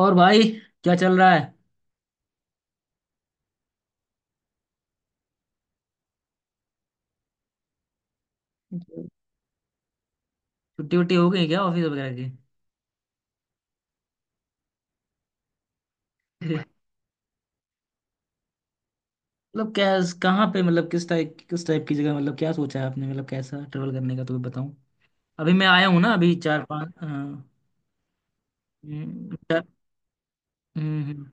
और भाई, क्या चल रहा है? जी। छुट्टी वुट्टी हो गई क्या ऑफिस वगैरह की? मतलब क्या कहाँ पे, मतलब किस टाइप की जगह, मतलब क्या सोचा है आपने, मतलब कैसा ट्रेवल करने का तो बताऊँ। अभी मैं आया हूँ ना, अभी 4 5 हम्म, चार- हम्म, हम्म,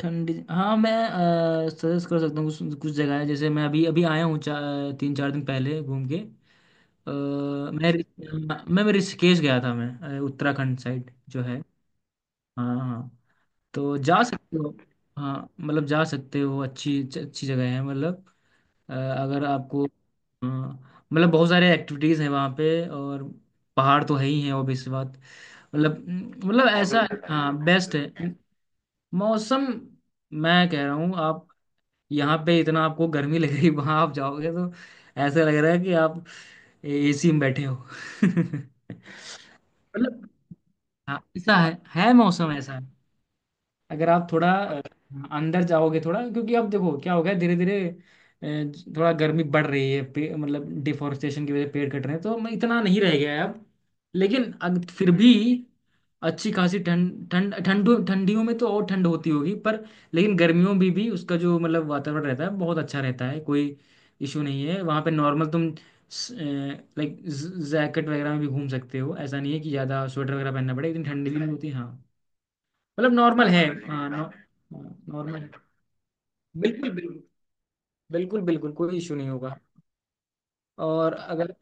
ठंडी हाँ। मैं सजेस्ट कर सकता हूँ, कुछ कुछ जगह है। जैसे मैं अभी अभी आया हूँ, चार तीन चार दिन पहले घूम के। अ, मैं मैं मैं ऋषिकेश गया था। उत्तराखंड साइड जो है। हाँ हाँ हाँ। तो जा सकते हो। हाँ, मतलब जा सकते हो, अच्छी अच्छी जगह है, मतलब अगर आपको। हाँ, मतलब बहुत सारे एक्टिविटीज़ हैं वहाँ पे, और पहाड़ तो है ही है, ऑब्वियस बात। मतलब, मतलब ऐसा, हाँ, बेस्ट है मौसम। मैं कह रहा हूँ आप, यहाँ पे इतना आपको गर्मी लगेगी, वहाँ आप जाओगे तो ऐसा लग रहा है कि आप एसी में बैठे हो मतलब हाँ, ऐसा है मौसम ऐसा। अगर आप थोड़ा अंदर जाओगे थोड़ा, क्योंकि अब देखो क्या हो गया, धीरे धीरे थोड़ा गर्मी बढ़ रही है पे, मतलब डिफोरेस्टेशन की वजह से पेड़ कट रहे हैं तो इतना नहीं रह गया है अब। लेकिन फिर भी अच्छी खासी ठंड, ठंड ठंड ठंडियों में तो और ठंड होती होगी, पर लेकिन गर्मियों में भी उसका जो मतलब वातावरण रहता है बहुत अच्छा रहता है। कोई इशू नहीं है वहाँ पे, नॉर्मल तुम लाइक जैकेट वगैरह में भी घूम सकते हो। ऐसा नहीं है कि ज़्यादा स्वेटर वगैरह पहनना पड़े, इतनी ठंडी भी नहीं होती, हाँ। मतलब नॉर्मल है, नॉर्मल है, हाँ। हाँ, नॉर्मल है। बिल्कुल बिल्कुल। बिल्कुल बिल्कुल कोई इशू नहीं होगा। और अगर,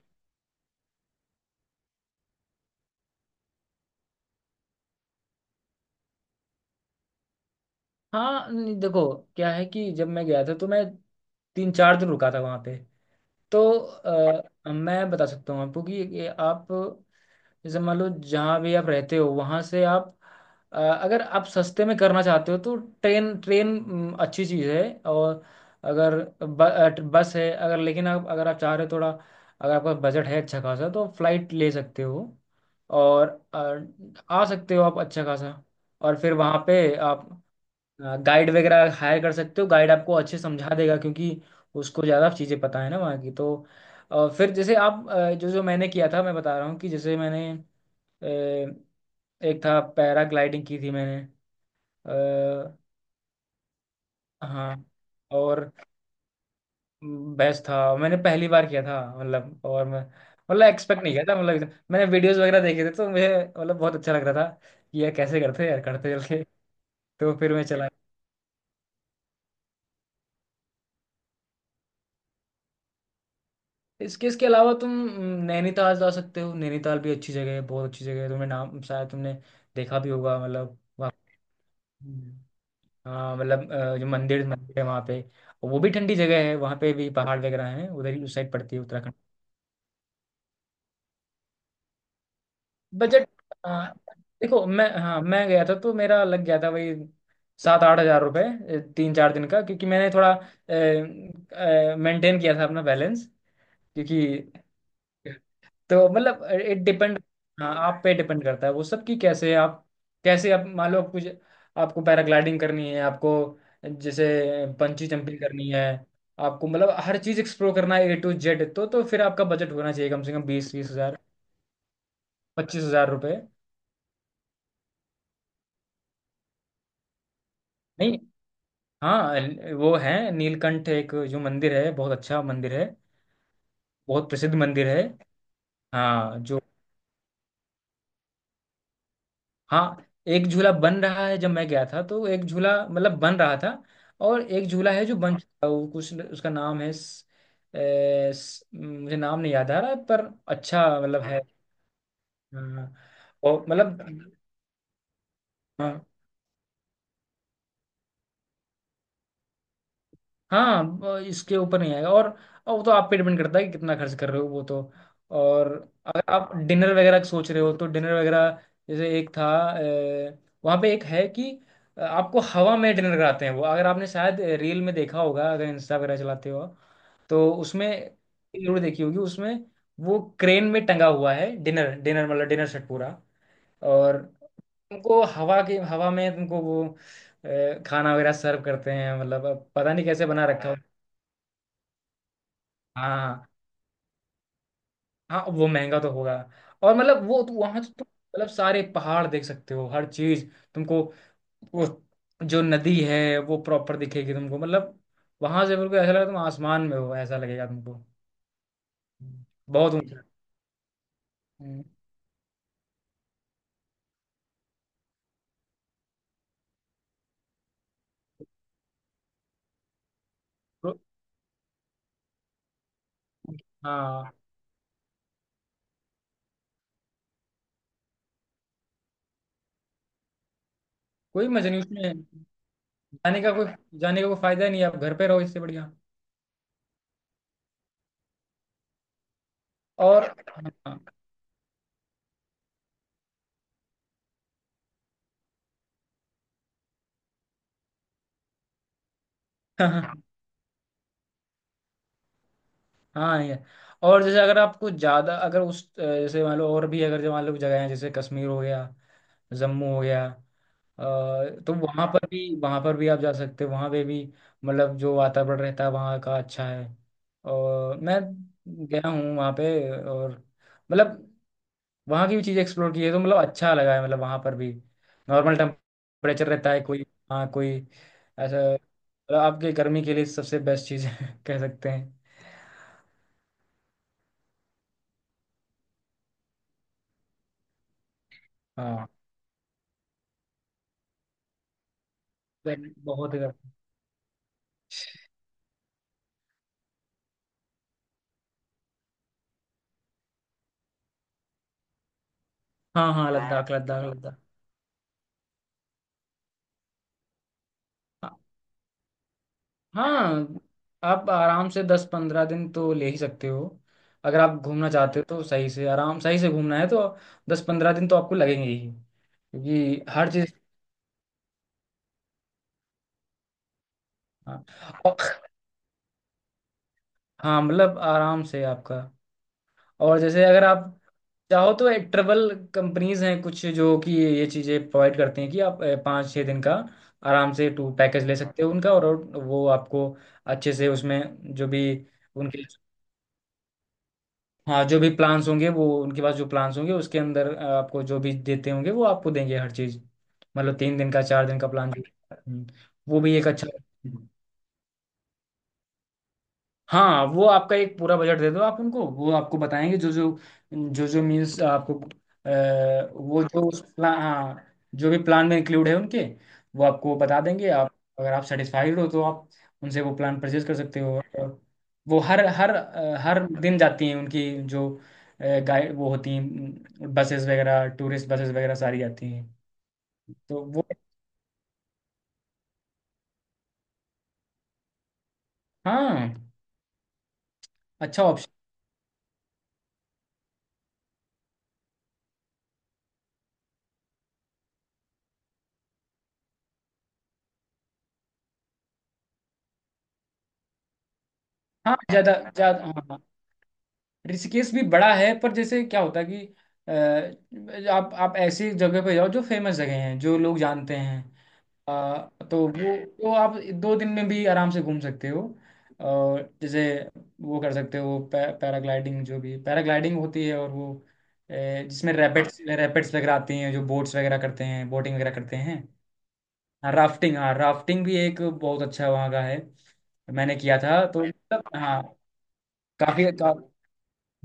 हाँ नहीं, देखो क्या है कि जब मैं गया था तो मैं 3 4 दिन रुका था वहां पे। तो मैं बता सकता हूँ आपको कि ये आप, जैसे मान लो जहाँ भी आप रहते हो वहाँ से आप, अगर आप सस्ते में करना चाहते हो तो ट्रेन ट्रेन अच्छी चीज़ है। और अगर बस है अगर, लेकिन आप अगर आप चाह रहे हो थोड़ा, अगर आपका बजट है अच्छा खासा तो फ्लाइट ले सकते हो। और अ, आ सकते हो आप अच्छा खासा। और फिर वहाँ पे आप गाइड वगैरह हायर कर सकते हो, गाइड आपको अच्छे समझा देगा क्योंकि उसको ज़्यादा चीज़ें पता है ना वहाँ की। तो फिर जैसे जो जो मैंने किया था मैं बता रहा हूँ, कि जैसे मैंने अ, एक था पैराग्लाइडिंग की थी मैंने। आ, हाँ, और बेस्ट था, मैंने पहली बार किया था, मतलब। और मैं मतलब एक्सपेक्ट नहीं किया था, मतलब मैंने वीडियोस वगैरह देखे थे तो मुझे, मतलब बहुत अच्छा लग रहा था कि यार कैसे करते हैं यार, करते चल के। तो फिर मैं चला, इसके इसके अलावा तुम नैनीताल जा सकते हो। नैनीताल भी अच्छी जगह है, बहुत अच्छी जगह है। तुम्हें नाम शायद तुमने देखा भी होगा, मतलब वहाँ। हम्म। हाँ, मतलब जो मंदिर मंदिर है वहाँ पे, वो भी ठंडी जगह है, वहाँ पे भी पहाड़ वगैरह हैं, उधर ही उस साइड पड़ती है उत्तराखंड। बजट, अ, देखो मैं, हाँ मैं गया था तो मेरा लग गया था वही, 7-8 हजार रुपये, 3 4 दिन का, क्योंकि मैंने थोड़ा मेंटेन किया था अपना बैलेंस, क्योंकि। तो मतलब इट डिपेंड, हाँ आप पे डिपेंड करता है वो सब, कि कैसे आप, कैसे आप मान लो आप कुछ, आपको पैराग्लाइडिंग करनी है, आपको जैसे पंची जंपिंग करनी है, आपको मतलब हर चीज़ एक्सप्लोर करना है ए टू जेड, तो फिर आपका बजट होना चाहिए कम से कम 20-30 हजार, 25 हजार रुपये। नहीं, हाँ वो है नीलकंठ, एक जो मंदिर है बहुत अच्छा मंदिर है, बहुत प्रसिद्ध मंदिर है। हाँ जो, हाँ, एक झूला बन रहा है, जब मैं गया था तो एक झूला मतलब बन रहा था, और एक झूला है जो बन चुका है, वो कुछ उसका नाम है, मुझे नाम नहीं याद आ रहा पर अच्छा मतलब है। हाँ, और मतलब, हाँ हाँ, इसके ऊपर नहीं आएगा। और वो तो आप पे डिपेंड करता है कि कितना खर्च कर रहे हो वो तो। और अगर आप डिनर वगैरह सोच रहे हो तो डिनर वगैरह, जैसे एक था, अ, वहाँ पे एक है कि आपको हवा में डिनर कराते हैं वो, अगर आपने शायद रील में देखा होगा, अगर इंस्टा वगैरह चलाते हो तो उसमें जरूर देखी होगी उसमें। वो क्रेन में टंगा हुआ है डिनर, डिनर सेट पूरा। और उनको हवा के, हवा में तुमको वो खाना वगैरह सर्व करते हैं, मतलब अब पता नहीं कैसे बना रखा। हाँ, हाँ वो महंगा तो होगा। और मतलब वो तो वहां तो तुम मतलब सारे पहाड़ देख सकते हो, हर चीज तुमको, वो जो नदी है वो प्रॉपर दिखेगी तुमको, मतलब वहां से बिल्कुल ऐसा लगेगा तुम आसमान में हो, ऐसा लगेगा तुमको, बहुत ऊंचा। हम्म। तो, हाँ कोई मजा नहीं उसमें जाने का, कोई जाने का कोई फायदा नहीं है, आप घर पे रहो इससे बढ़िया। और हाँ हाँ हाँ, ये, और जैसे अगर आपको ज्यादा, अगर उस जैसे मान लो, और भी अगर जो मान लो जगह है जैसे कश्मीर हो गया, जम्मू हो गया, अ, तो वहां, हाँ पर भी वहां पर भी आप जा सकते हो, वहां पे भी मतलब जो वातावरण रहता है वहां का अच्छा है। और मैं गया हूँ वहां पे, और मतलब वहां की भी चीज़ एक्सप्लोर की है, तो मतलब अच्छा लगा है, मतलब वहां पर भी नॉर्मल टेम्परेचर रहता है, कोई, हाँ कोई ऐसा, मतलब आपके गर्मी के लिए सबसे बेस्ट चीज़ है कह सकते हैं। हाँ, गर्मी बहुत ही गर्म। हाँ हाँ, लद्दाख लद्दाख लद्दाख। हाँ, आप आराम से 10-15 दिन तो ले ही सकते हो, अगर आप घूमना चाहते हो तो सही से, आराम सही से घूमना है तो 10-15 दिन तो आपको लगेंगे ही, क्योंकि हर चीज़। हाँ, और, हाँ, मतलब आराम से आपका। और जैसे अगर आप चाहो तो एक ट्रेवल कंपनीज हैं कुछ, जो कि ये चीज़ें प्रोवाइड करती हैं कि आप 5-6 दिन का आराम से टूर पैकेज ले सकते हो उनका। और वो आपको अच्छे से उसमें जो भी उनके, हाँ जो भी प्लान्स होंगे वो, उनके पास जो प्लान्स होंगे उसके अंदर आपको जो भी देते होंगे वो आपको देंगे हर चीज, मतलब 3 दिन का 4 दिन का प्लान जो। हम्म, वो भी एक अच्छा। हाँ, वो आपका एक पूरा बजट दे दो आप उनको, वो आपको बताएंगे जो जो मीन्स आपको, वो जो उस प्लान, हाँ, जो भी प्लान में इंक्लूड है उनके, वो आपको बता देंगे। आप, अगर आप सेटिस्फाइड हो तो आप उनसे वो प्लान परचेज कर सकते हो। और वो हर हर अ, हर दिन जाती हैं उनकी, जो गाइड वो होती हैं, बसेस वगैरह, टूरिस्ट बसेस वगैरह सारी जाती हैं। तो वो हाँ, अच्छा ऑप्शन। हाँ, ज़्यादा ज़्यादा हाँ, ऋषिकेश भी बड़ा है, पर जैसे क्या होता है कि आप आप ऐसी जगह पे जाओ जो फेमस जगह हैं, जो लोग जानते हैं, तो वो, तो आप 2 दिन में भी आराम से घूम सकते हो। और जैसे वो कर सकते हो पैराग्लाइडिंग, जो भी पैराग्लाइडिंग होती है, और वो जिसमें रैपिड्स रैपिड्स वगैरह आती हैं, जो बोट्स वगैरह करते हैं, बोटिंग वगैरह करते हैं। हाँ राफ्टिंग, हाँ राफ्टिंग भी एक बहुत अच्छा वहाँ का है, मैंने किया था, तो मतलब हाँ, काफी का,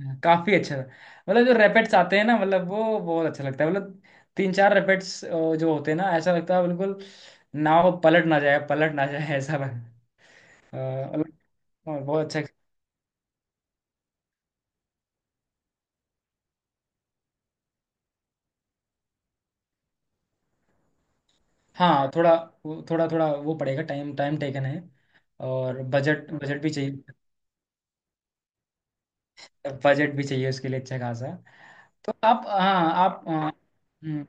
हाँ, काफी अच्छा था। मतलब जो रैपेट्स आते हैं ना, मतलब वो बहुत अच्छा लगता है, मतलब 3-4 रैपेट्स जो होते हैं ना, ऐसा लगता है बिल्कुल नाव पलट ना जाए, ऐसा लग, अ, मतलब और बहुत अच्छा। हाँ थोड़ा, थोड़ा वो पड़ेगा, टाइम टाइम टेकन है। और बजट बजट भी चाहिए, बजट भी चाहिए उसके लिए अच्छा खासा। तो आप, हाँ आप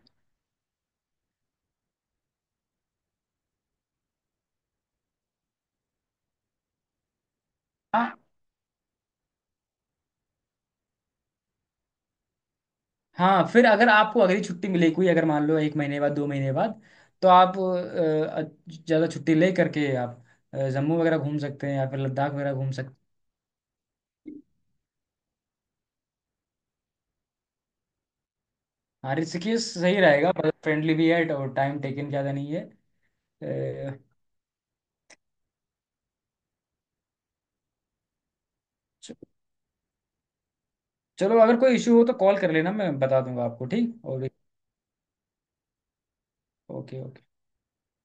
हाँ हाँ, फिर अगर आपको अगली छुट्टी मिले कोई, अगर मान लो 1 महीने बाद 2 महीने बाद तो आप ज़्यादा छुट्टी ले करके आप जम्मू वगैरह घूम सकते हैं, या फिर लद्दाख वगैरह घूम सकते हैं। हाँ, ऋषिकेश सही रहेगा, बजट फ्रेंडली भी है, और टाइम टेकन ज़्यादा नहीं है। अ, च- चलो, अगर कोई इशू हो तो कॉल कर लेना, मैं बता दूंगा आपको ठीक। और ओके।